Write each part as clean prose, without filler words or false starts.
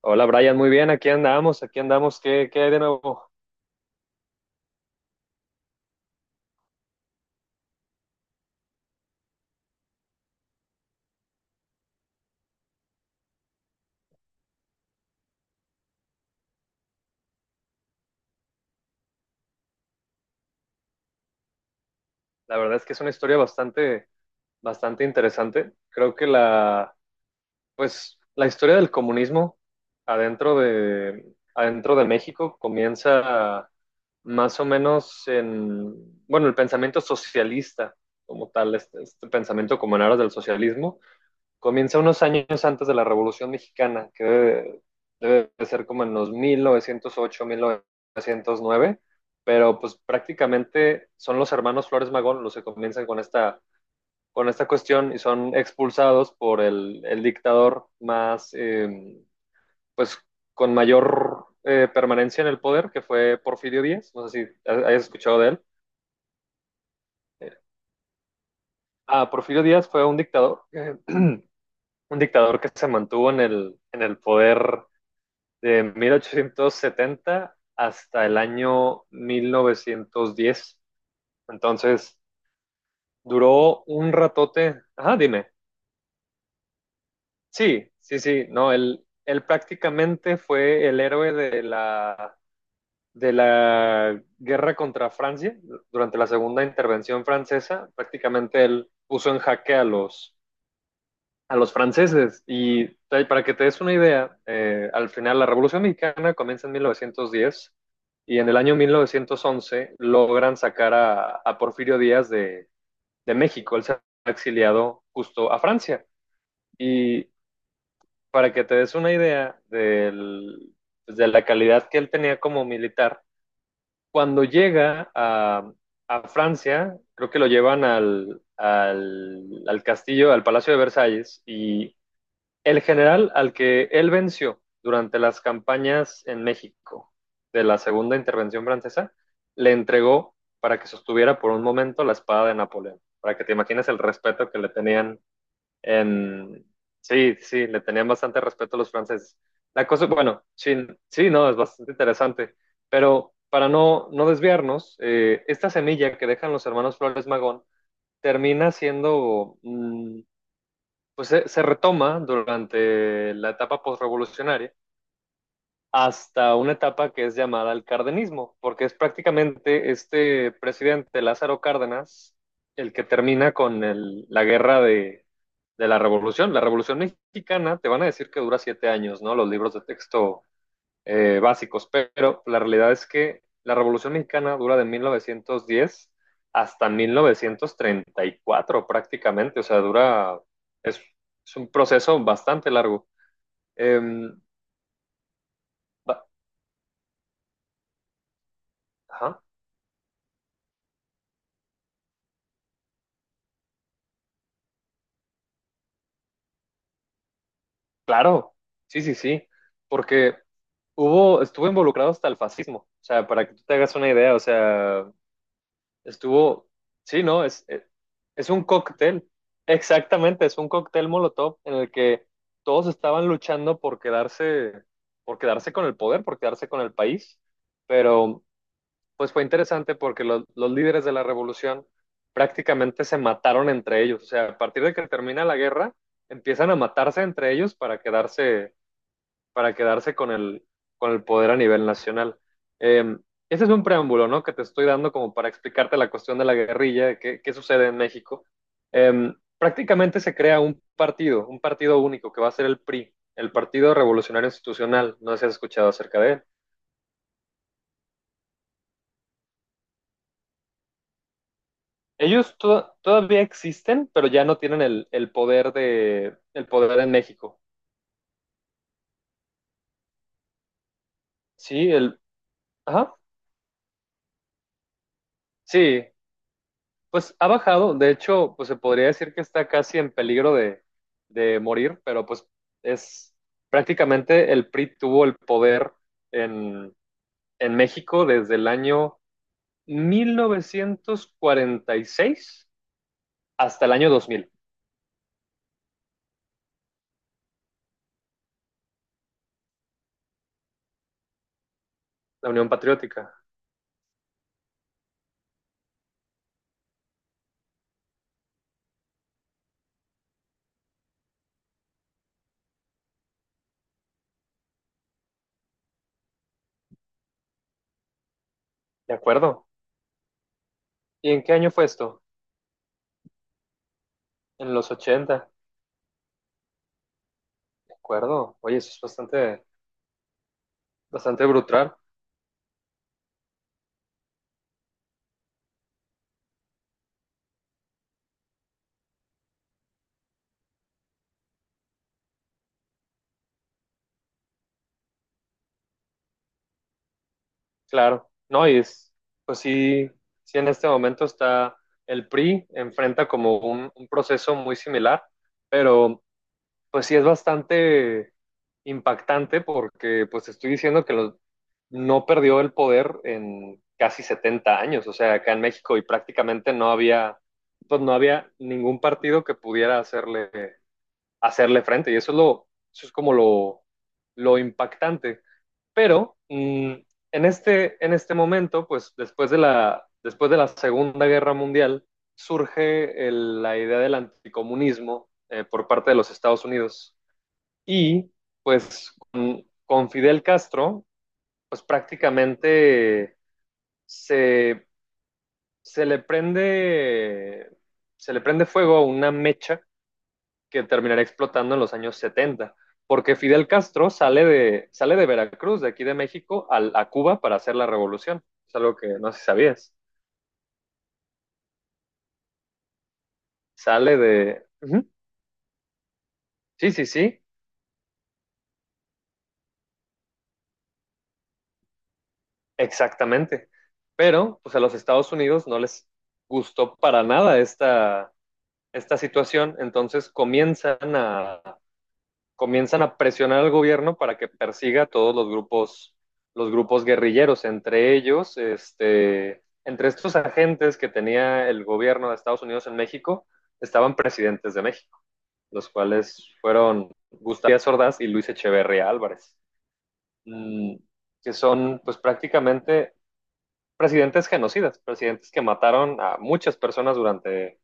Hola Brian, muy bien, aquí andamos, ¿qué hay de nuevo? La verdad es que es una historia bastante, bastante interesante. Creo que pues, la historia del comunismo adentro de México comienza más o menos en, bueno, el pensamiento socialista como tal, este pensamiento como en aras del socialismo comienza unos años antes de la Revolución Mexicana, que debe de ser como en los 1908, 1909. Pero pues prácticamente son los hermanos Flores Magón los que comienzan con con esta cuestión y son expulsados por el dictador pues con mayor permanencia en el poder, que fue Porfirio Díaz. No sé si hayas escuchado de él. Eh, Ah, Porfirio Díaz fue un dictador, un dictador que se mantuvo en en el poder de 1870 hasta el año 1910. Entonces, duró un ratote. Ajá, dime. Sí, sí, sí, no, él prácticamente fue el héroe de de la guerra contra Francia durante la segunda intervención francesa. Prácticamente él puso en jaque a los franceses. Y para que te des una idea, al final la Revolución Mexicana comienza en 1910 y en el año 1911 logran sacar a Porfirio Díaz de México. Él se ha exiliado justo a Francia. Y para que te des una idea pues, de la calidad que él tenía como militar, cuando llega a Francia, creo que lo llevan al castillo, al Palacio de Versalles, y el general al que él venció durante las campañas en México de la Segunda Intervención Francesa le entregó para que sostuviera por un momento la espada de Napoleón, para que te imagines el respeto que le tenían en... Sí, sí, le tenían bastante respeto a los franceses. La cosa, bueno, sí, sí, no, es bastante interesante, pero para no desviarnos, esta semilla que dejan los hermanos Flores Magón termina siendo pues se retoma durante la etapa postrevolucionaria hasta una etapa que es llamada el cardenismo, porque es prácticamente este presidente Lázaro Cárdenas el que termina con el, la guerra de la revolución. La revolución mexicana, te van a decir que dura 7 años, ¿no? Los libros de texto básicos. Pero la realidad es que la Revolución Mexicana dura de 1910 hasta 1934 prácticamente, o sea, es, es un proceso bastante largo. Eh, ba- ajá, claro, sí, sí, sí, porque estuvo involucrado hasta el fascismo, o sea, para que tú te hagas una idea, o sea, Estuvo, sí, ¿no? Es un cóctel, exactamente, es un cóctel Molotov en el que todos estaban luchando por quedarse con el poder, por quedarse con el país. Pero pues fue interesante porque los líderes de la revolución prácticamente se mataron entre ellos, o sea, a partir de que termina la guerra, empiezan a matarse entre ellos para quedarse con con el poder a nivel nacional. Eh, Ese es un preámbulo, ¿no? Que te estoy dando como para explicarte la cuestión de la guerrilla, qué sucede en México. Prácticamente se crea un partido único que va a ser el PRI, el Partido Revolucionario Institucional. No sé si has escuchado acerca de él. Ellos todavía existen, pero ya no tienen el poder de, el poder en México. Sí, ajá, sí. Pues ha bajado, de hecho, pues se podría decir que está casi en peligro de morir, pero pues es prácticamente el PRI tuvo el poder en, en México desde el año 1946 hasta el año 2000. La Unión Patriótica, ¿de acuerdo? ¿Y en qué año fue esto? En los 80, ¿de acuerdo? Oye, eso es bastante, bastante brutal. Claro, no, y pues sí, sí en este momento está el PRI, enfrenta como un proceso muy similar, pero pues sí es bastante impactante porque pues estoy diciendo que no perdió el poder en casi 70 años, o sea, acá en México y prácticamente pues no había ningún partido que pudiera hacerle frente. Y eso es lo, eso es como lo impactante, pero en en este momento, pues después después de la Segunda Guerra Mundial, surge la idea del anticomunismo por parte de los Estados Unidos. Y pues con Fidel Castro, pues prácticamente se, se le prende, se le prende fuego a una mecha que terminará explotando en los años 70 porque Fidel Castro sale de Veracruz, de aquí de México, a Cuba para hacer la revolución. Es algo que no sé si sabías. Sale de... Ujú. Sí, sí, sí, exactamente. Pero pues a los Estados Unidos no les gustó para nada esta situación. Entonces comienzan a presionar al gobierno para que persiga a todos los grupos guerrilleros. Entre ellos, entre estos agentes que tenía el gobierno de Estados Unidos en México, estaban presidentes de México, los cuales fueron Gustavo Díaz Ordaz y Luis Echeverría Álvarez, mm, que son pues prácticamente presidentes genocidas, presidentes que mataron a muchas personas durante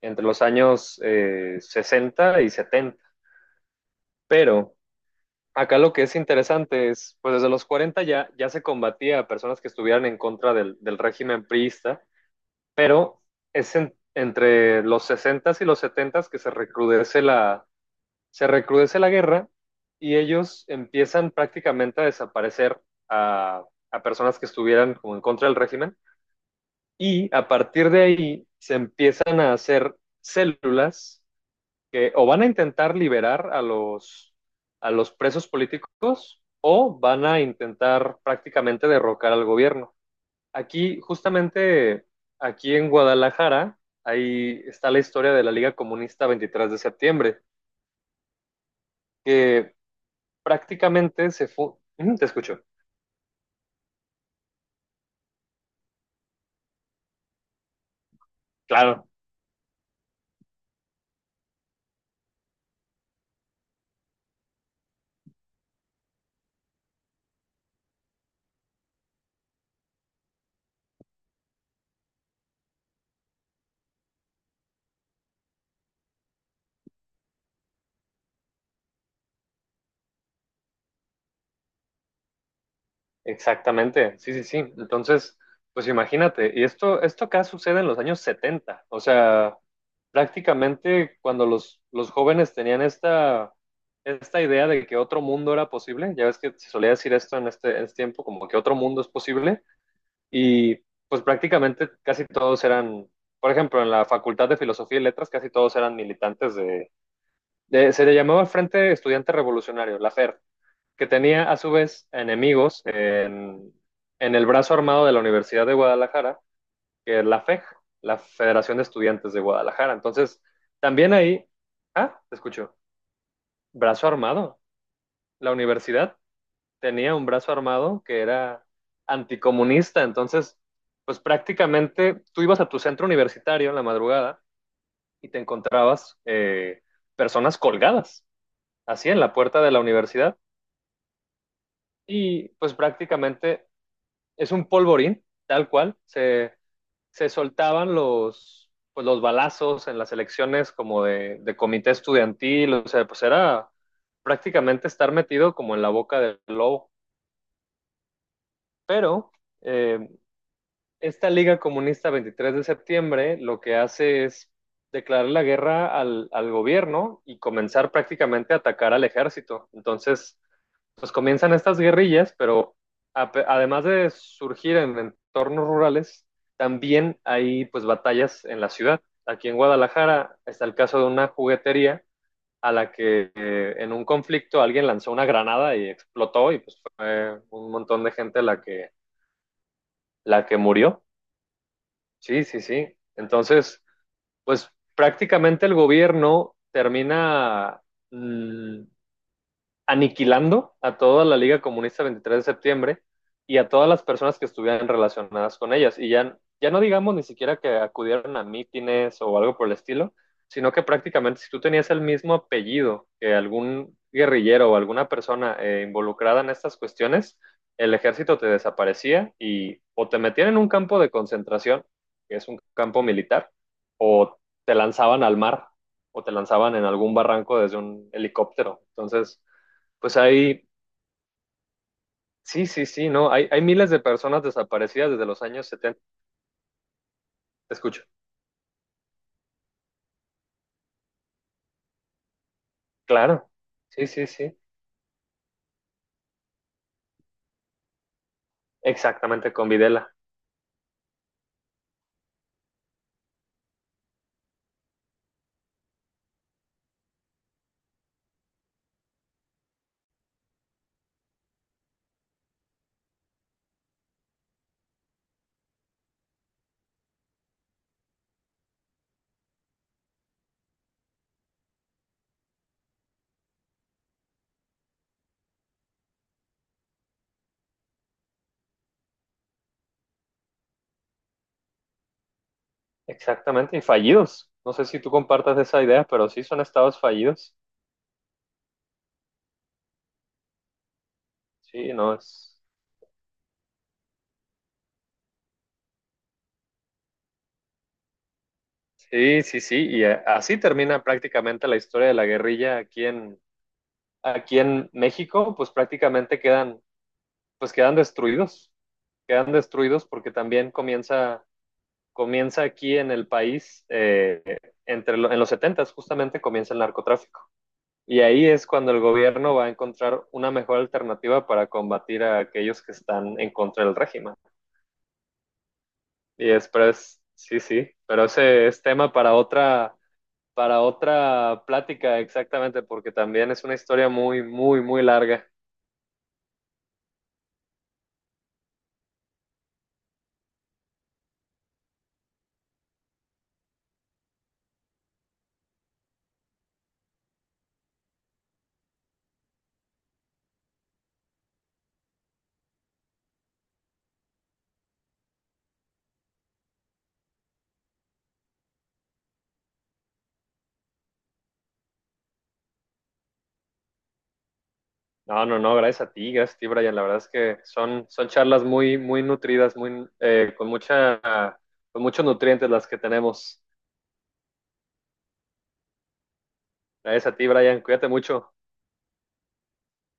entre los años 60 y 70. Pero acá lo que es interesante es, pues desde los 40 ya se combatía a personas que estuvieran en contra del régimen priista, pero es entre los 60s y los 70s que se recrudece la guerra, y ellos empiezan prácticamente a desaparecer a, a personas que estuvieran como en contra del régimen, y a partir de ahí se empiezan a hacer células que o van a intentar liberar a a los presos políticos o van a intentar prácticamente derrocar al gobierno. Aquí, justamente aquí en Guadalajara, ahí está la historia de la Liga Comunista 23 de septiembre, que prácticamente se fue... Te escucho. Claro. Exactamente, sí, sí, sí. Entonces, pues imagínate, y esto acá sucede en los años 70. O sea, prácticamente cuando los jóvenes tenían esta idea de que otro mundo era posible. Ya ves que se solía decir esto en en este tiempo, como que otro mundo es posible, y pues prácticamente casi todos eran, por ejemplo, en la Facultad de Filosofía y Letras, casi todos eran militantes se le llamaba el Frente Estudiante Revolucionario, la FER, que tenía a su vez enemigos en el brazo armado de la Universidad de Guadalajara, que es la FEG, la Federación de Estudiantes de Guadalajara. Entonces, también ahí, ah, te escucho, brazo armado. La universidad tenía un brazo armado que era anticomunista. Entonces, pues prácticamente tú ibas a tu centro universitario en la madrugada y te encontrabas personas colgadas, así en la puerta de la universidad, y pues prácticamente es un polvorín, tal cual. Se soltaban pues, los balazos en las elecciones como de comité estudiantil, o sea, pues era prácticamente estar metido como en la boca del lobo. Pero eh, esta Liga Comunista 23 de septiembre lo que hace es declarar la guerra al gobierno y comenzar prácticamente a atacar al ejército. Entonces, pues comienzan estas guerrillas, pero además de surgir en entornos rurales, también hay pues batallas en la ciudad. Aquí en Guadalajara está el caso de una juguetería a la que en un conflicto alguien lanzó una granada y explotó, y pues fue un montón de gente la que murió. Sí, sí, sí. Entonces, pues prácticamente el gobierno termina mm, aniquilando a toda la Liga Comunista 23 de septiembre y a todas las personas que estuvieran relacionadas con ellas. Y ya, ya no digamos ni siquiera que acudieron a mítines o algo por el estilo, sino que prácticamente si tú tenías el mismo apellido que algún guerrillero o alguna persona involucrada en estas cuestiones, el ejército te desaparecía, y o te metían en un campo de concentración, que es un campo militar, o te lanzaban al mar o te lanzaban en algún barranco desde un helicóptero. Entonces, pues sí, sí, sí, no, hay miles de personas desaparecidas desde los años 70. Te escucho. Claro, sí, sí, sí, exactamente, con Videla, exactamente, y fallidos. No sé si tú compartas esa idea, pero sí son estados fallidos. Sí, no es. Sí, sí, sí, y así termina prácticamente la historia de la guerrilla aquí aquí en México, pues prácticamente quedan, pues quedan destruidos porque también comienza aquí en el país, entre en los 70s justamente comienza el narcotráfico. Y ahí es cuando el gobierno va a encontrar una mejor alternativa para combatir a aquellos que están en contra del régimen. Y después, sí, sí, pero ese es tema para para otra plática, exactamente, porque también es una historia muy, muy, muy larga. No, no, no, gracias a ti, Brian. La verdad es que son charlas muy, muy nutridas, con muchos nutrientes las que tenemos. Gracias a ti, Brian. Cuídate mucho.